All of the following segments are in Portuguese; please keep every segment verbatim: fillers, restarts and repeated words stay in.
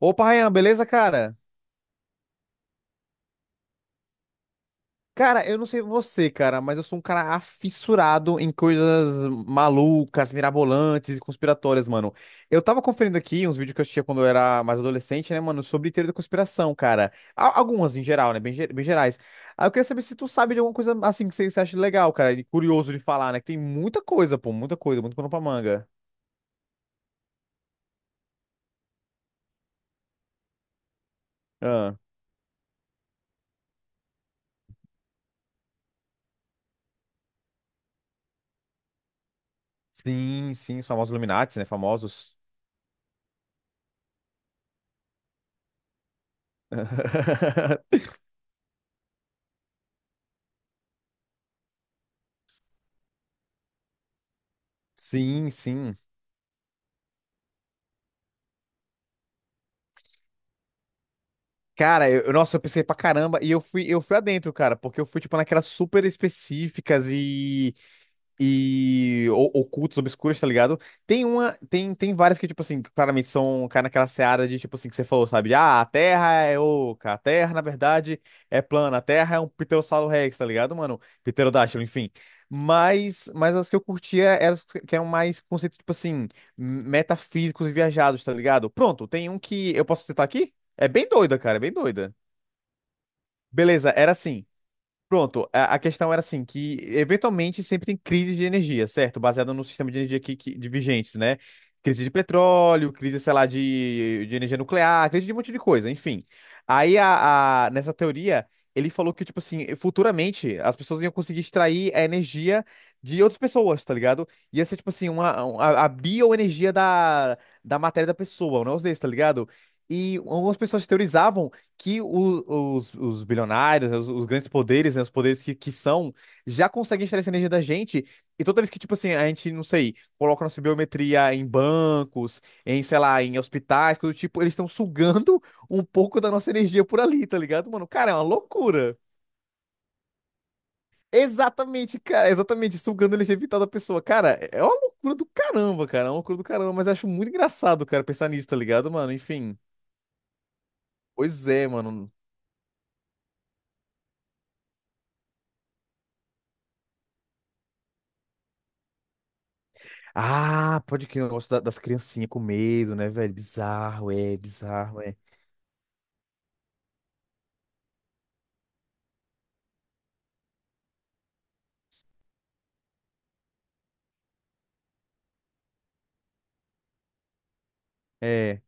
Opa, Ryan, beleza, cara? Cara, eu não sei você, cara, mas eu sou um cara afissurado em coisas malucas, mirabolantes e conspiratórias, mano. Eu tava conferindo aqui uns vídeos que eu assistia quando eu era mais adolescente, né, mano, sobre teoria da conspiração, cara. Al- Algumas em geral, né, bem, ge- bem gerais. Aí eu queria saber se tu sabe de alguma coisa assim que você você acha legal, cara, e curioso de falar, né, que tem muita coisa, pô, muita coisa, muito pano pra manga. Ah, sim, sim, os famosos Illuminati, né, famosos. Sim, sim. Cara, eu, eu- nossa, eu pensei pra caramba e eu fui, eu fui adentro, cara, porque eu fui, tipo, naquelas super específicas e, e o- ocultas, obscuras, tá ligado? Tem uma, tem, tem várias que, tipo assim, que claramente são, cara, naquela seara de, tipo assim, que você falou, sabe? Ah, a Terra é oca, a Terra, na verdade, é plana, a Terra é um Pterossauro Rex, tá ligado, mano? Pterodátilo, enfim. Mas, mas as que eu curtia eram as que eram mais conceitos, tipo assim, metafísicos e viajados, tá ligado? Pronto, tem um que eu posso citar aqui? É bem doida, cara, é bem doida. Beleza, era assim. Pronto, a, a questão era assim, que eventualmente sempre tem crises de energia, certo? Baseado no sistema de energia que, que- de vigentes, né? Crise de petróleo, crise, sei lá, de, de energia nuclear, crise de um monte de coisa, enfim. Aí, a, a- nessa teoria, ele falou que, tipo assim, futuramente as pessoas iam conseguir extrair a energia de outras pessoas, tá ligado? Ia ser, tipo assim, uma, um- a, a bioenergia da, da matéria da pessoa, um negócio desse, tá ligado? E algumas pessoas teorizavam que o- os, os bilionários, né, os, os grandes poderes, né, os poderes que, que são, já conseguem extrair essa energia da gente. E toda vez que, tipo assim, a gente, não sei, coloca nossa biometria em bancos, em, sei lá, em hospitais, coisa do tipo, eles estão sugando um pouco da nossa energia por ali, tá ligado, mano? Cara, é uma loucura. Exatamente, cara, exatamente, sugando a energia vital da pessoa. Cara, é uma loucura do caramba, cara, é uma loucura do caramba, mas eu acho muito engraçado, cara, pensar nisso, tá ligado, mano? Enfim, pois é, mano. Ah, pode que eu gosto da- das criancinhas com medo, né, velho? Bizarro, é, bizarro, é. É.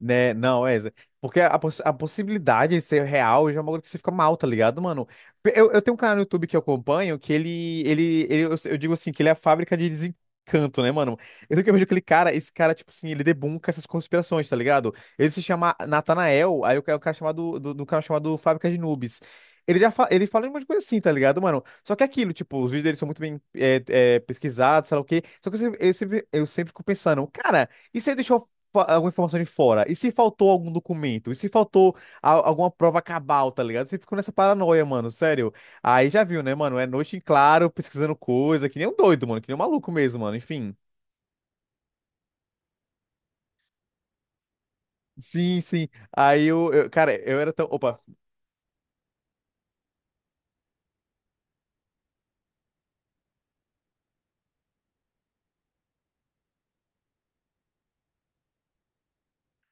Né? Não, é. Porque a, poss- a possibilidade de ser real já é uma coisa que você fica mal, tá ligado, mano? Pe- Eu, eu tenho um canal no YouTube que eu acompanho que ele, ele, ele- eu, eu digo assim, que ele é a fábrica de desencanto, né, mano? Eu sempre que eu vejo aquele cara, esse cara, tipo assim, ele debunka essas conspirações, tá ligado? Ele se chama Natanael, aí o cara, o cara chamado, do, do canal chamado Fábrica de Noobs. Ele já fa- ele fala um monte de coisa assim, tá ligado, mano? Só que é aquilo, tipo, os vídeos dele são muito bem é, é, pesquisados, sei lá o quê. Só que eu sempre, eu sempre, eu sempre fico pensando, cara. E você deixou fa- alguma informação de fora? E se faltou algum documento? E se faltou a- alguma prova cabal, tá ligado? Você ficou nessa paranoia, mano, sério. Aí já viu, né, mano? É noite em claro, pesquisando coisa, que nem um doido, mano, que nem um maluco mesmo, mano, enfim. Sim, sim. Aí eu, eu- cara, eu era tão. Opa.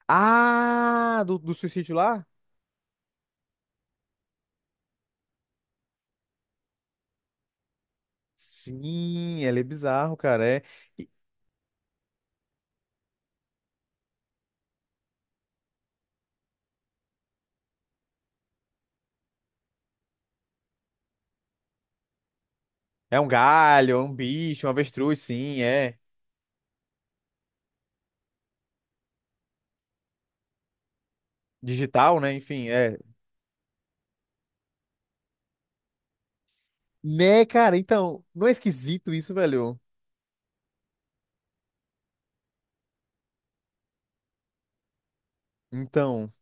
Ah, do, do suicídio lá? Sim, ele é bizarro, cara. É, é um galho, é um bicho, um avestruz, sim, é. Digital, né? Enfim, é. Né, cara? Então, não é esquisito isso, velho? Então.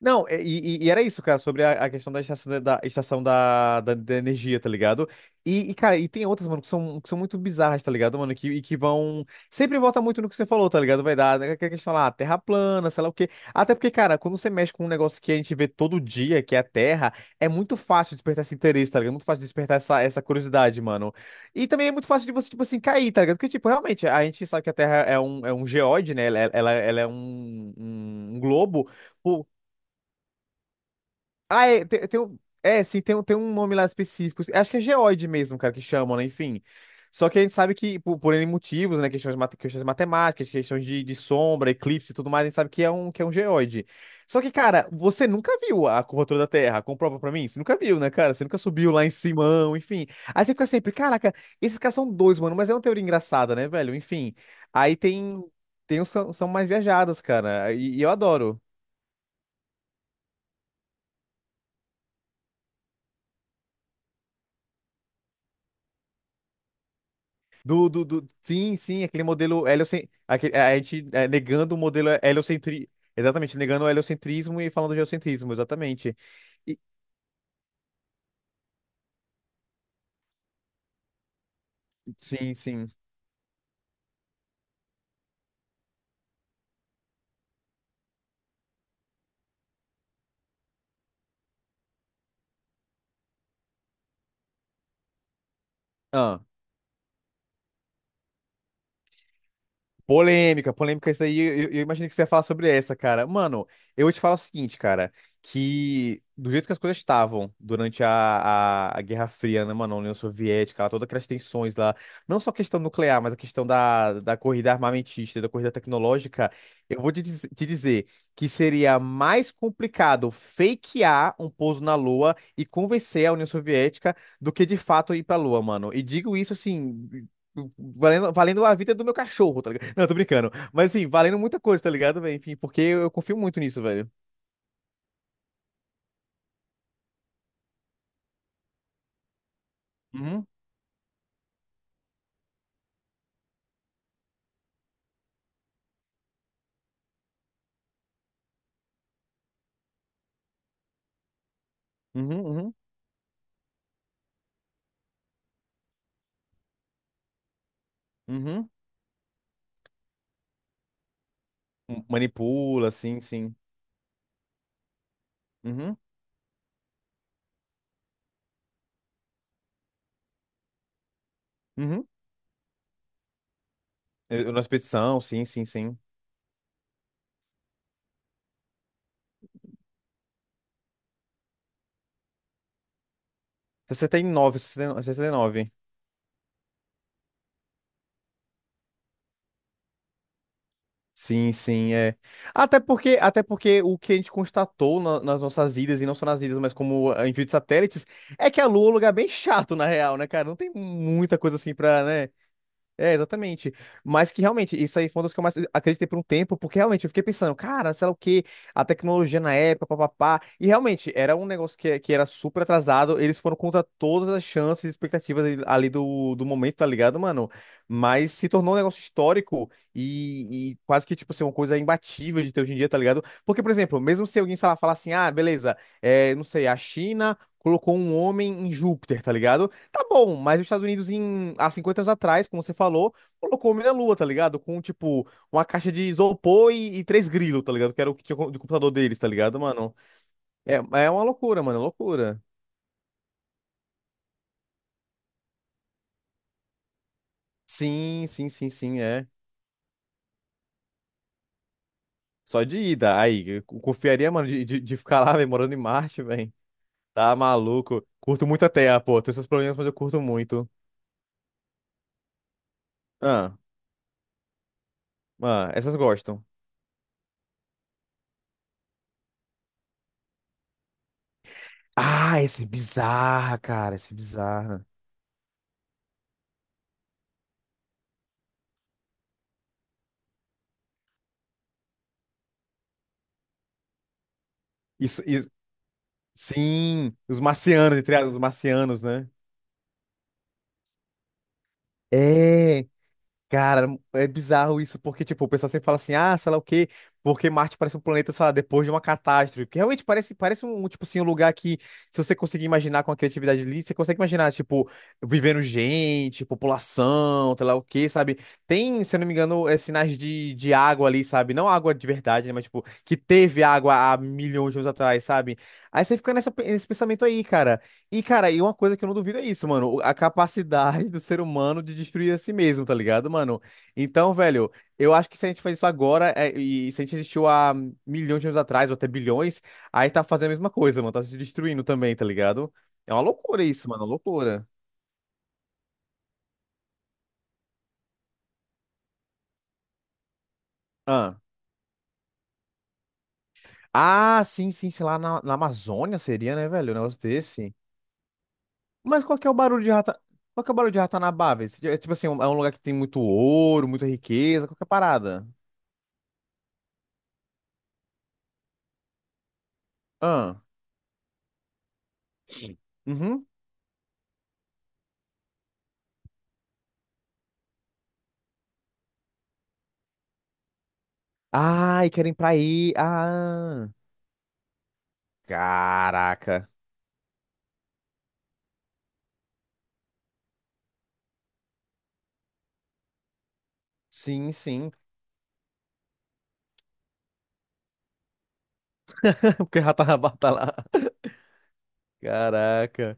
Não, é- e, e- e era isso, cara, sobre a, a questão da estação, da, da estação da, da, da energia, tá ligado? E, e, cara, e tem outras, mano, que são, que são muito bizarras, tá ligado, mano? Que, e que vão. Sempre volta muito no que você falou, tá ligado? Vai dar aquela questão lá, Terra plana, sei lá o quê. Até porque, cara, quando você mexe com um negócio que a gente vê todo dia, que é a Terra, é muito fácil despertar esse interesse, tá ligado? É muito fácil despertar essa, essa curiosidade, mano. E também é muito fácil de você, tipo assim, cair, tá ligado? Porque, tipo, realmente, a gente sabe que a Terra é um, é um geóide, né? Ela, ela, ela é um, um um globo. Ah, é, tem, tem um, é, sim, tem, um- tem um nome lá específico. Acho que é geoide mesmo, cara, que chamam, né? Enfim. Só que a gente sabe que, por, por N motivos, né? Questões, mate- questões matemáticas, questões de, de sombra, eclipse e tudo mais, a gente sabe que é um, que é um geoide. Só que, cara, você nunca viu a curvatura da Terra? Comprova pra mim? Você nunca viu, né, cara? Você nunca subiu lá em Simão, enfim. Aí você fica sempre, caraca, esses caras são dois, mano, mas é uma teoria engraçada, né, velho? Enfim. Aí tem. Tem os são, são mais viajadas, cara. e e eu adoro. Do, do, do, sim, sim, aquele modelo heliocentrismo. A gente é, negando o modelo heliocentrismo. Exatamente, negando o heliocentrismo e falando de geocentrismo, exatamente. E- sim, sim. Polêmica, polêmica isso aí. Eu, eu imaginei que você ia falar sobre essa, cara. Mano, eu vou te falar o seguinte, cara, que do jeito que as coisas estavam durante a, a, a Guerra Fria, né, mano, a União Soviética, lá, todas aquelas tensões lá, não só a questão nuclear, mas a questão da, da corrida armamentista, da corrida tecnológica, eu vou te, diz- te dizer que seria mais complicado fakear um pouso na Lua e convencer a União Soviética do que de fato ir pra Lua, mano. E digo isso assim. Valendo, valendo a vida do meu cachorro, tá ligado? Não, tô brincando. Mas assim, valendo muita coisa, tá ligado, velho? Enfim, porque eu, eu confio muito nisso, velho. Uhum, uhum, uhum, uhum. Manipula, sim, sim. Uhum, uhum. Eu, eu na expedição, sim, sim, sim. sessenta e nove, nove, sessenta e nove. Sim, sim, é. Até porque, até porque o que a gente constatou na- nas nossas idas, e não só nas idas, mas como ah, envio de satélites, é que a Lua é um lugar bem chato, na real, né, cara? Não tem muita coisa assim pra, né? É, exatamente. Mas que realmente, isso aí foi uma das que eu mais acreditei por um tempo, porque realmente eu fiquei pensando, cara, sei lá o quê, a tecnologia na época, papapá. E realmente, era um negócio que, que era super atrasado, eles foram contra todas as chances e expectativas ali ali do, do momento, tá ligado, mano? Mas se tornou um negócio histórico e, e quase que, tipo, ser uma coisa imbatível de ter hoje em dia, tá ligado? Porque, por exemplo, mesmo se alguém, sei lá, falar assim, ah, beleza, é, não sei, a China colocou um homem em Júpiter, tá ligado? Tá bom, mas os Estados Unidos, em, há cinquenta anos atrás, como você falou, colocou o homem na Lua, tá ligado? Com, tipo, uma caixa de isopor e, e três grilos, tá ligado? Que era o que tinha co- de computador deles, tá ligado, mano? É, é uma loucura, mano, é loucura. Sim, sim, sim, sim, é. Só de ida. Aí, eu co- confiaria, mano, de, de, de ficar lá, velho, morando em Marte, velho. Tá maluco. Curto muito a Terra, pô. Tem seus problemas, mas eu curto muito. Ah, ah, essas gostam. Ah, essa é bizarra, cara, essa é bizarra. Isso, sim, os marcianos, entre aspas, os marcianos, né? É, cara, é bizarro isso, porque, tipo, o pessoal sempre fala assim, ah, sei lá o quê, porque Marte parece um planeta, sei lá, depois de uma catástrofe, porque realmente parece, parece um, tipo assim, um lugar que, se você conseguir imaginar com a criatividade ali, você consegue imaginar, tipo, vivendo gente, população, sei lá o quê, sabe? Tem, se eu não me engano, é, sinais de, de água ali, sabe? Não água de verdade, né, mas, tipo, que teve água há milhões de anos atrás, sabe? Aí você fica nessa, nesse pensamento aí, cara. E, cara, e uma coisa que eu não duvido é isso, mano. A capacidade do ser humano de destruir a si mesmo, tá ligado, mano? Então, velho, eu acho que se a gente faz isso agora, é, e se a gente existiu há milhões de anos atrás, ou até bilhões, aí tá fazendo a mesma coisa, mano. Tá se destruindo também, tá ligado? É uma loucura isso, mano. Uma loucura. Ah. Ah, sim, sim, sei lá, na, na Amazônia seria, né, velho? Um negócio desse. Mas qual que é o barulho de rata. Qual que é o barulho de Ratanabá, velho? É tipo assim, um- é um lugar que tem muito ouro, muita riqueza, qualquer parada. Ah. Uhum. Ai, querem pra ir. Ah, caraca. Sim, sim. Porque o Ratanabá tá lá. Caraca,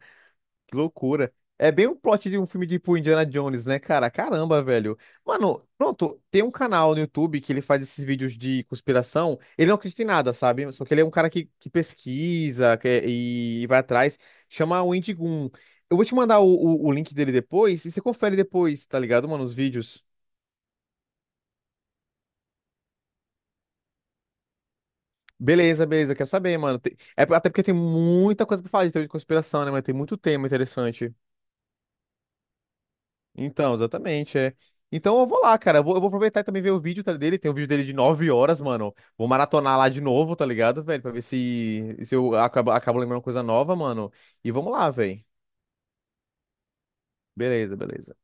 que loucura. É bem o plot de um filme tipo Indiana Jones, né, cara? Caramba, velho. Mano, pronto, tem um canal no YouTube que ele faz esses vídeos de conspiração. Ele não acredita em nada, sabe? Só que ele é um cara que, que pesquisa que- é, e, vai atrás. Chama o Indigun. Eu vou te mandar o, o o link dele depois e você confere depois, tá ligado, mano? Os vídeos. Beleza, beleza, eu quero saber, mano. Tem- É até porque tem muita coisa pra falar de teoria de conspiração, né, mano? Tem muito tema interessante. Então, exatamente, é. Então eu vou lá, cara. Eu vou, eu vou aproveitar e também ver o vídeo tá, dele. Tem um vídeo dele de nove horas, mano. Vou maratonar lá de novo, tá ligado, velho? Pra ver se, se eu acabo, acabo lembrando coisa nova, mano. E vamos lá, velho. Beleza, beleza.